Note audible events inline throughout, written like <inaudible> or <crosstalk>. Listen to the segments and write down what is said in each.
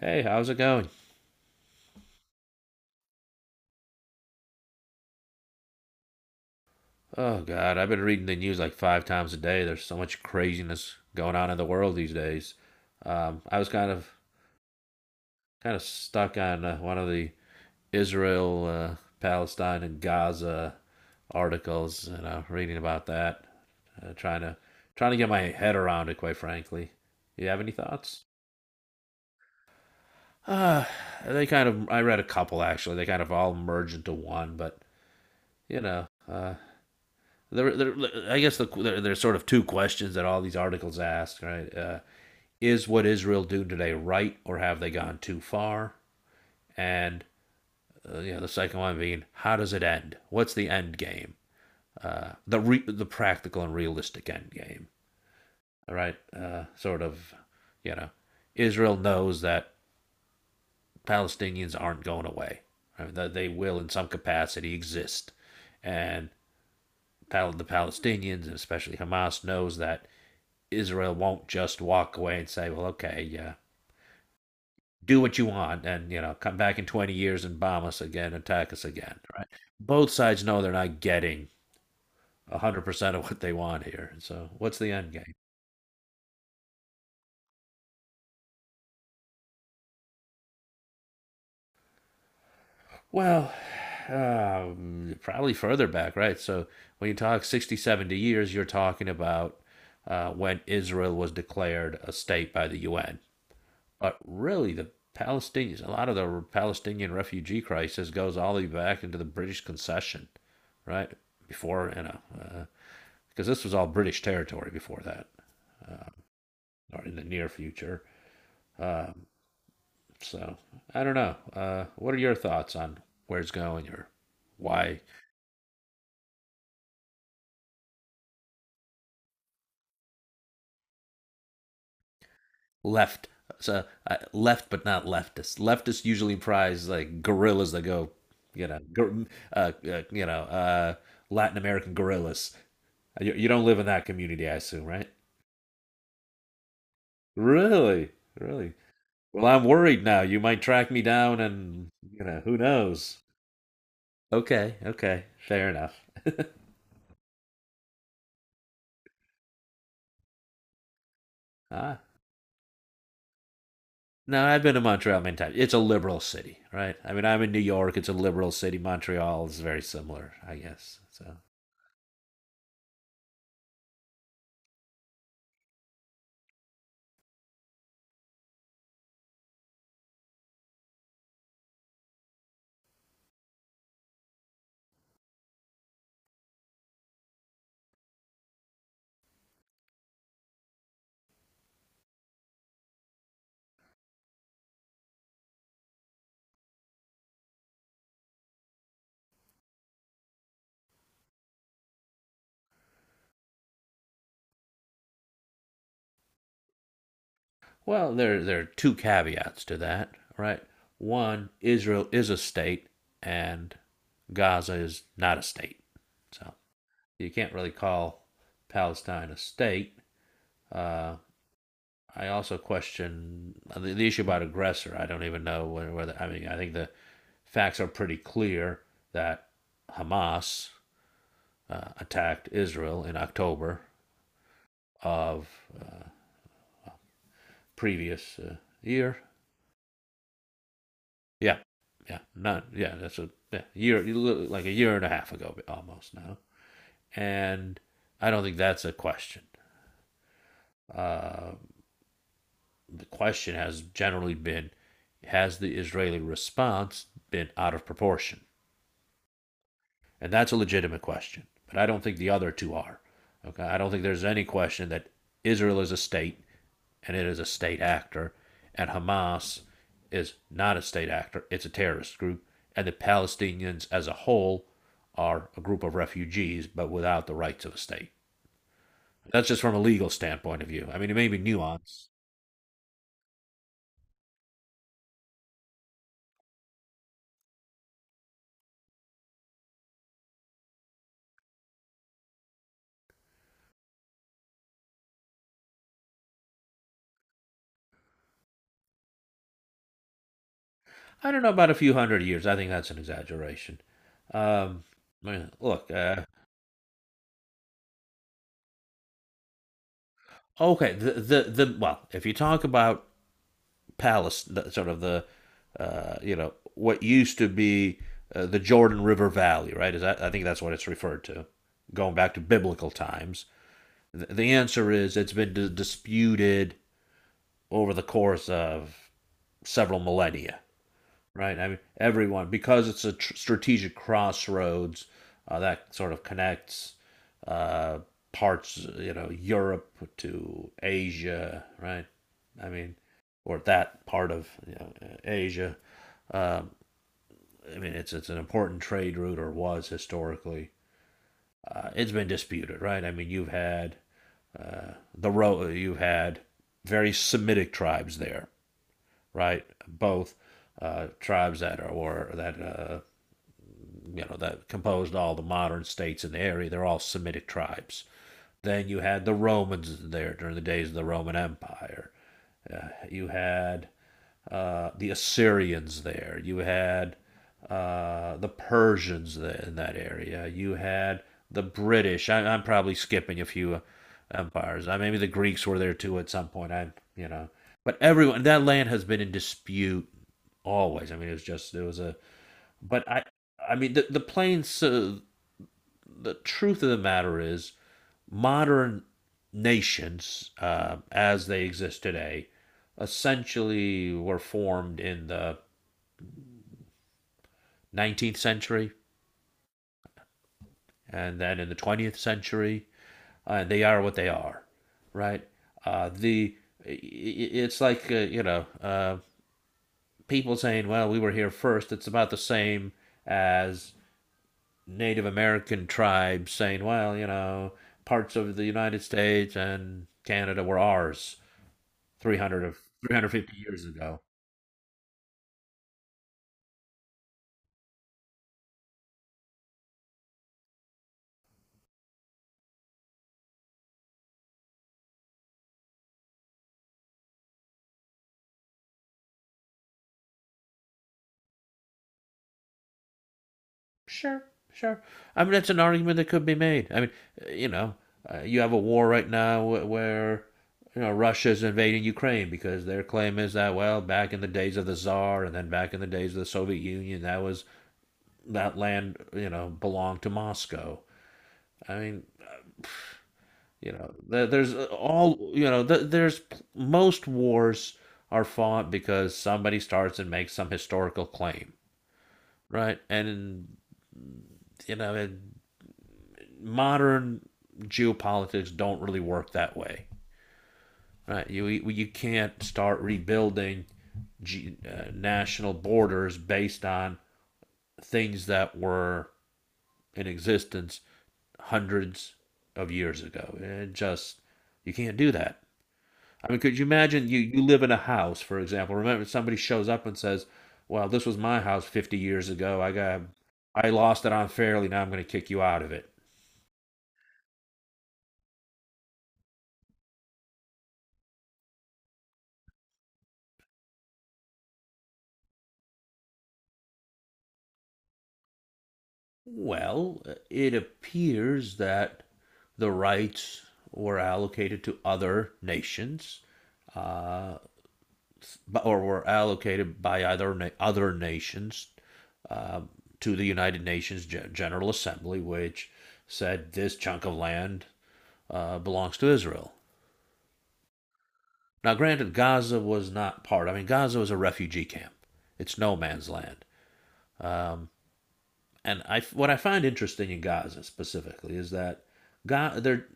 Hey, how's it going? Oh, God, I've been reading the news like five times a day. There's so much craziness going on in the world these days. I was kind of stuck on one of the Israel, Palestine, and Gaza articles, you know, reading about that, trying to trying to get my head around it. Quite frankly, you have any thoughts? Uh, they kind of. I read a couple actually. They kind of all merge into one, but you know, uh, There, there, I guess there's sort of two questions that all these articles ask, right? Is what Israel doing today right, or have they gone too far? And you know, the second one being, how does it end? What's the end game? The practical and realistic end game. All right, sort of, you know, Israel knows that Palestinians aren't going away. Right? That they will, in some capacity, exist, and the Palestinians, and especially Hamas, knows that Israel won't just walk away and say, well, okay, yeah, do what you want and, you know, come back in 20 years and bomb us again, attack us again, right? Both sides know they're not getting 100% of what they want here. So what's the end game? Well, probably further back, right? So when you talk 60, 70 years, you're talking about when Israel was declared a state by the UN. But really, the Palestinians, a lot of the Palestinian refugee crisis goes all the way back into the British concession, right? Before, because this was all British territory before that, or in the near future. Um, so I don't know. What are your thoughts on where it's going or why left? So left, but not leftist. Leftists usually prize like guerrillas that go, you know, uh, uh, you know, uh, Latin American guerrillas. You don't live in that community, I assume, right? Really? Really? Well, I'm worried now. You might track me down and, you know, who knows? Okay, okay. Fair enough. Ah. No, I've been to Montreal many times. It's a liberal city, right? I mean, I'm in New York. It's a liberal city. Montreal is very similar, I guess. So, well, there are two caveats to that, right? One, Israel is a state, and Gaza is not a state. So you can't really call Palestine a state. Uh, I also question the issue about aggressor. I don't even know whether, I mean I think the facts are pretty clear that Hamas attacked Israel in October of uh, previous year. Yeah, yeah, not yeah. That's a yeah, year like a year and a half ago almost now, and I don't think that's a question. Uh, the question has generally been, has the Israeli response been out of proportion? And that's a legitimate question. But I don't think the other two are. Okay. I don't think there's any question that Israel is a state and it is a state actor, and Hamas is not a state actor, it's a terrorist group, and the Palestinians as a whole are a group of refugees but without the rights of a state. That's just from a legal standpoint of view. I mean, it may be nuanced. I don't know about a few hundred years. I think that's an exaggeration. Um, look, okay, the well, if you talk about Palace, sort of the you know what used to be the Jordan River Valley, right? Is that I think that's what it's referred to, going back to biblical times. The answer is it's been disputed over the course of several millennia, right? I mean, everyone because it's a strategic crossroads that sort of connects uh, parts, you know, Europe to Asia, right? I mean, or that part of you know, Asia um, I mean, it's an important trade route, or was historically. It's been disputed, right? I mean, you've had you've had very Semitic tribes there, right? Both tribes that are or that you know that composed all the modern states in the area. They're all Semitic tribes. Then you had the Romans there during the days of the Roman Empire. You had the Assyrians there. You had the Persians there in that area. You had the British. I'm probably skipping a few empires. Maybe the Greeks were there too at some point. You know, but everyone that land has been in dispute always. I mean, it was just it was a. But I, I mean, the plains the truth of the matter is, modern nations, as they exist today, essentially were formed in the 19th century and then in the 20th century, and they are what they are, right? The it's like you know people saying, "Well, we were here first." It's about the same as Native American tribes saying, "Well, you know, parts of the United States and Canada were ours." 300 of 350 years ago. Sure, sure. I mean, that's an argument that could be made. I mean, uh, you know, you have a war right now where you know Russia's invading Ukraine because their claim is that well, back in the days of the Tsar and then back in the days of the Soviet Union, that was that land you know belonged to Moscow. I mean, you know, there, there's all you know, th there's p- most wars are fought because somebody starts and makes some historical claim right? And you know, modern geopolitics don't really work that way, right? You can't start rebuilding national borders based on things that were in existence hundreds of years ago. It just you can't do that. I mean, could you imagine you you live in a house, for example? Remember, somebody shows up and says, "Well, this was my house 50 years ago. I lost it unfairly. Now I'm going to kick you out of it." Well, it appears that the rights were allocated to other nations, uh, or were allocated by either other nations uh, to the United Nations General Assembly, which said this chunk of land belongs to Israel. Now, granted, Gaza was not part. I mean, Gaza was a refugee camp. It's no man's land. Um, and I what I find interesting in Gaza specifically is that Ga there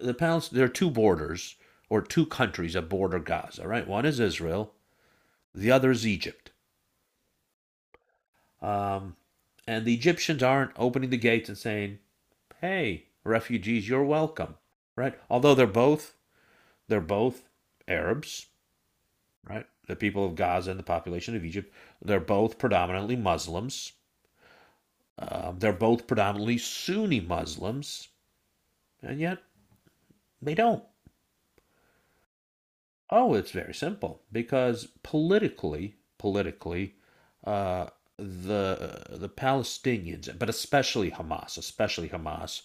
the Palest there are two borders or two countries that border Gaza, right? One is Israel, the other is Egypt. Um, and the Egyptians aren't opening the gates and saying, "Hey, refugees, you're welcome," right? Although they're both Arabs, right? The people of Gaza and the population of Egypt, they're both predominantly Muslims. They're both predominantly Sunni Muslims, and yet they don't. Oh, it's very simple because politically, uh, the Palestinians, but especially Hamas,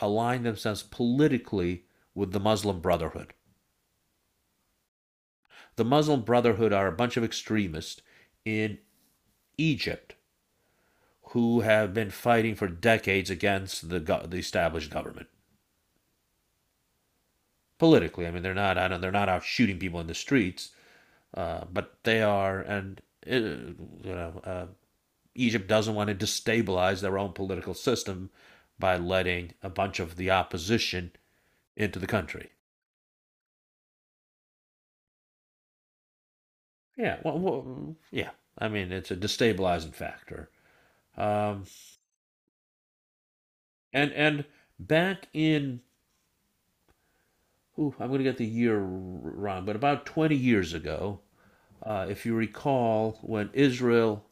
align themselves politically with the Muslim Brotherhood. The Muslim Brotherhood are a bunch of extremists in Egypt who have been fighting for decades against the established government politically. I mean, they're not out shooting people in the streets, but they are and uh, you know Uh, Egypt doesn't want to destabilize their own political system by letting a bunch of the opposition into the country. Well, yeah. I mean, it's a destabilizing factor. Um, and back in, ooh, I'm going to get the year wrong, but about 20 years ago, if you recall, when Israel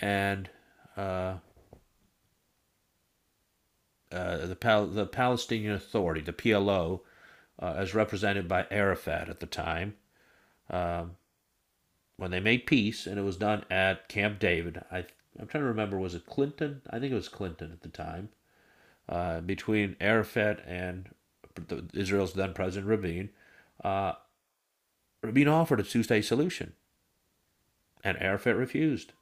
and uh, the Palestinian Authority, the PLO, as represented by Arafat at the time, um, when they made peace, and it was done at Camp David. I'm trying to remember was it Clinton? I think it was Clinton at the time. Between Arafat and Israel's then President Rabin, uh, Rabin offered a two-state solution, and Arafat refused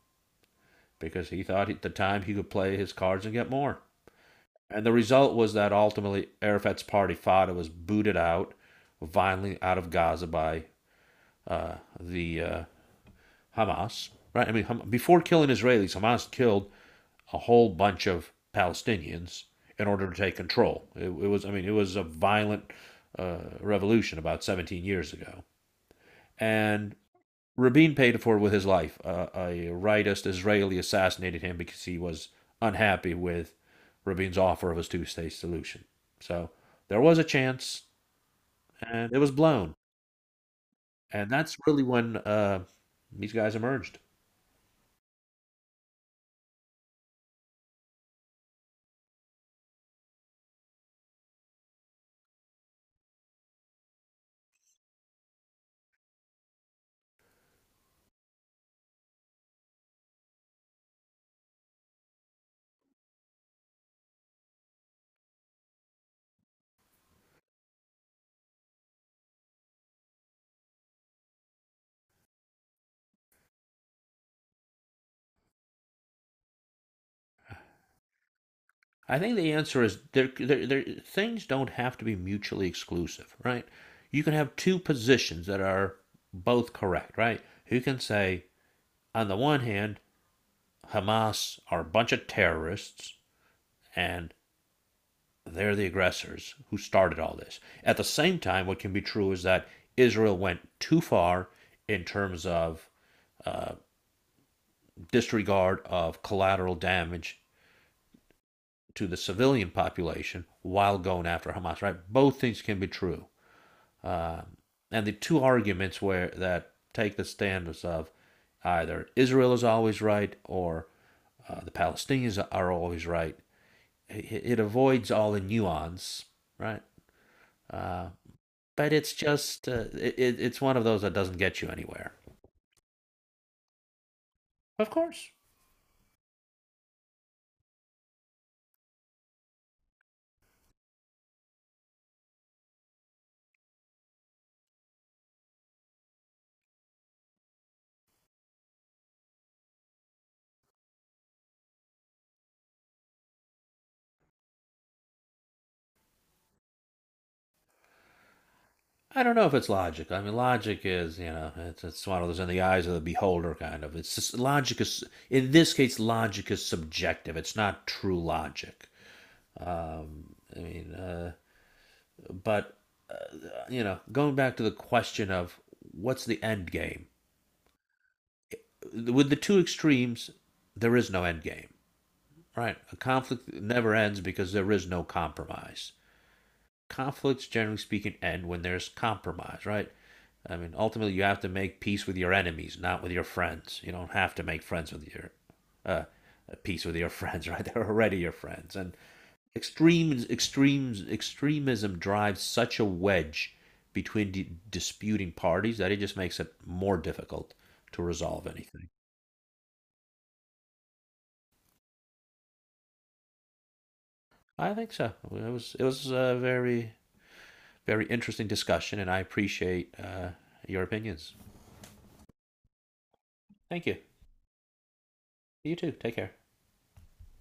because he thought at the time he could play his cards and get more. And the result was that ultimately Arafat's party fought and was booted out violently out of Gaza by the Hamas. Right? I mean, before killing Israelis, Hamas killed a whole bunch of Palestinians in order to take control. It was a violent revolution about 17 years ago. And Rabin paid for it with his life. A rightist Israeli assassinated him because he was unhappy with Rabin's offer of his two state solution. So there was a chance, and it was blown. And that's really when these guys emerged. I think the answer is things don't have to be mutually exclusive, right? You can have two positions that are both correct, right? You can say, on the one hand, Hamas are a bunch of terrorists and they're the aggressors who started all this. At the same time, what can be true is that Israel went too far in terms of uh, disregard of collateral damage to the civilian population while going after Hamas, right? Both things can be true. Uh, and the two arguments where that take the stance of either Israel is always right or the Palestinians are always right. It avoids all the nuance, right? Uh, but it's one of those that doesn't get you anywhere. Of course, I don't know if it's logic. I mean, logic is you know it's one of those in the eyes of the beholder kind of. It's just, logic is in this case logic is subjective. It's not true logic. I mean, But you know, going back to the question of what's the end game? With the two extremes, there is no end game, right? A conflict never ends because there is no compromise. Conflicts, generally speaking, end when there's compromise, right? I mean, ultimately, you have to make peace with your enemies, not with your friends. You don't have to make friends with your uh, peace with your <laughs> friends, right? They're already your friends, and extremism drives such a wedge between disputing parties that it just makes it more difficult to resolve anything. I think so. It was a very, very interesting discussion, and I appreciate your opinions. Thank you. You too. Take care.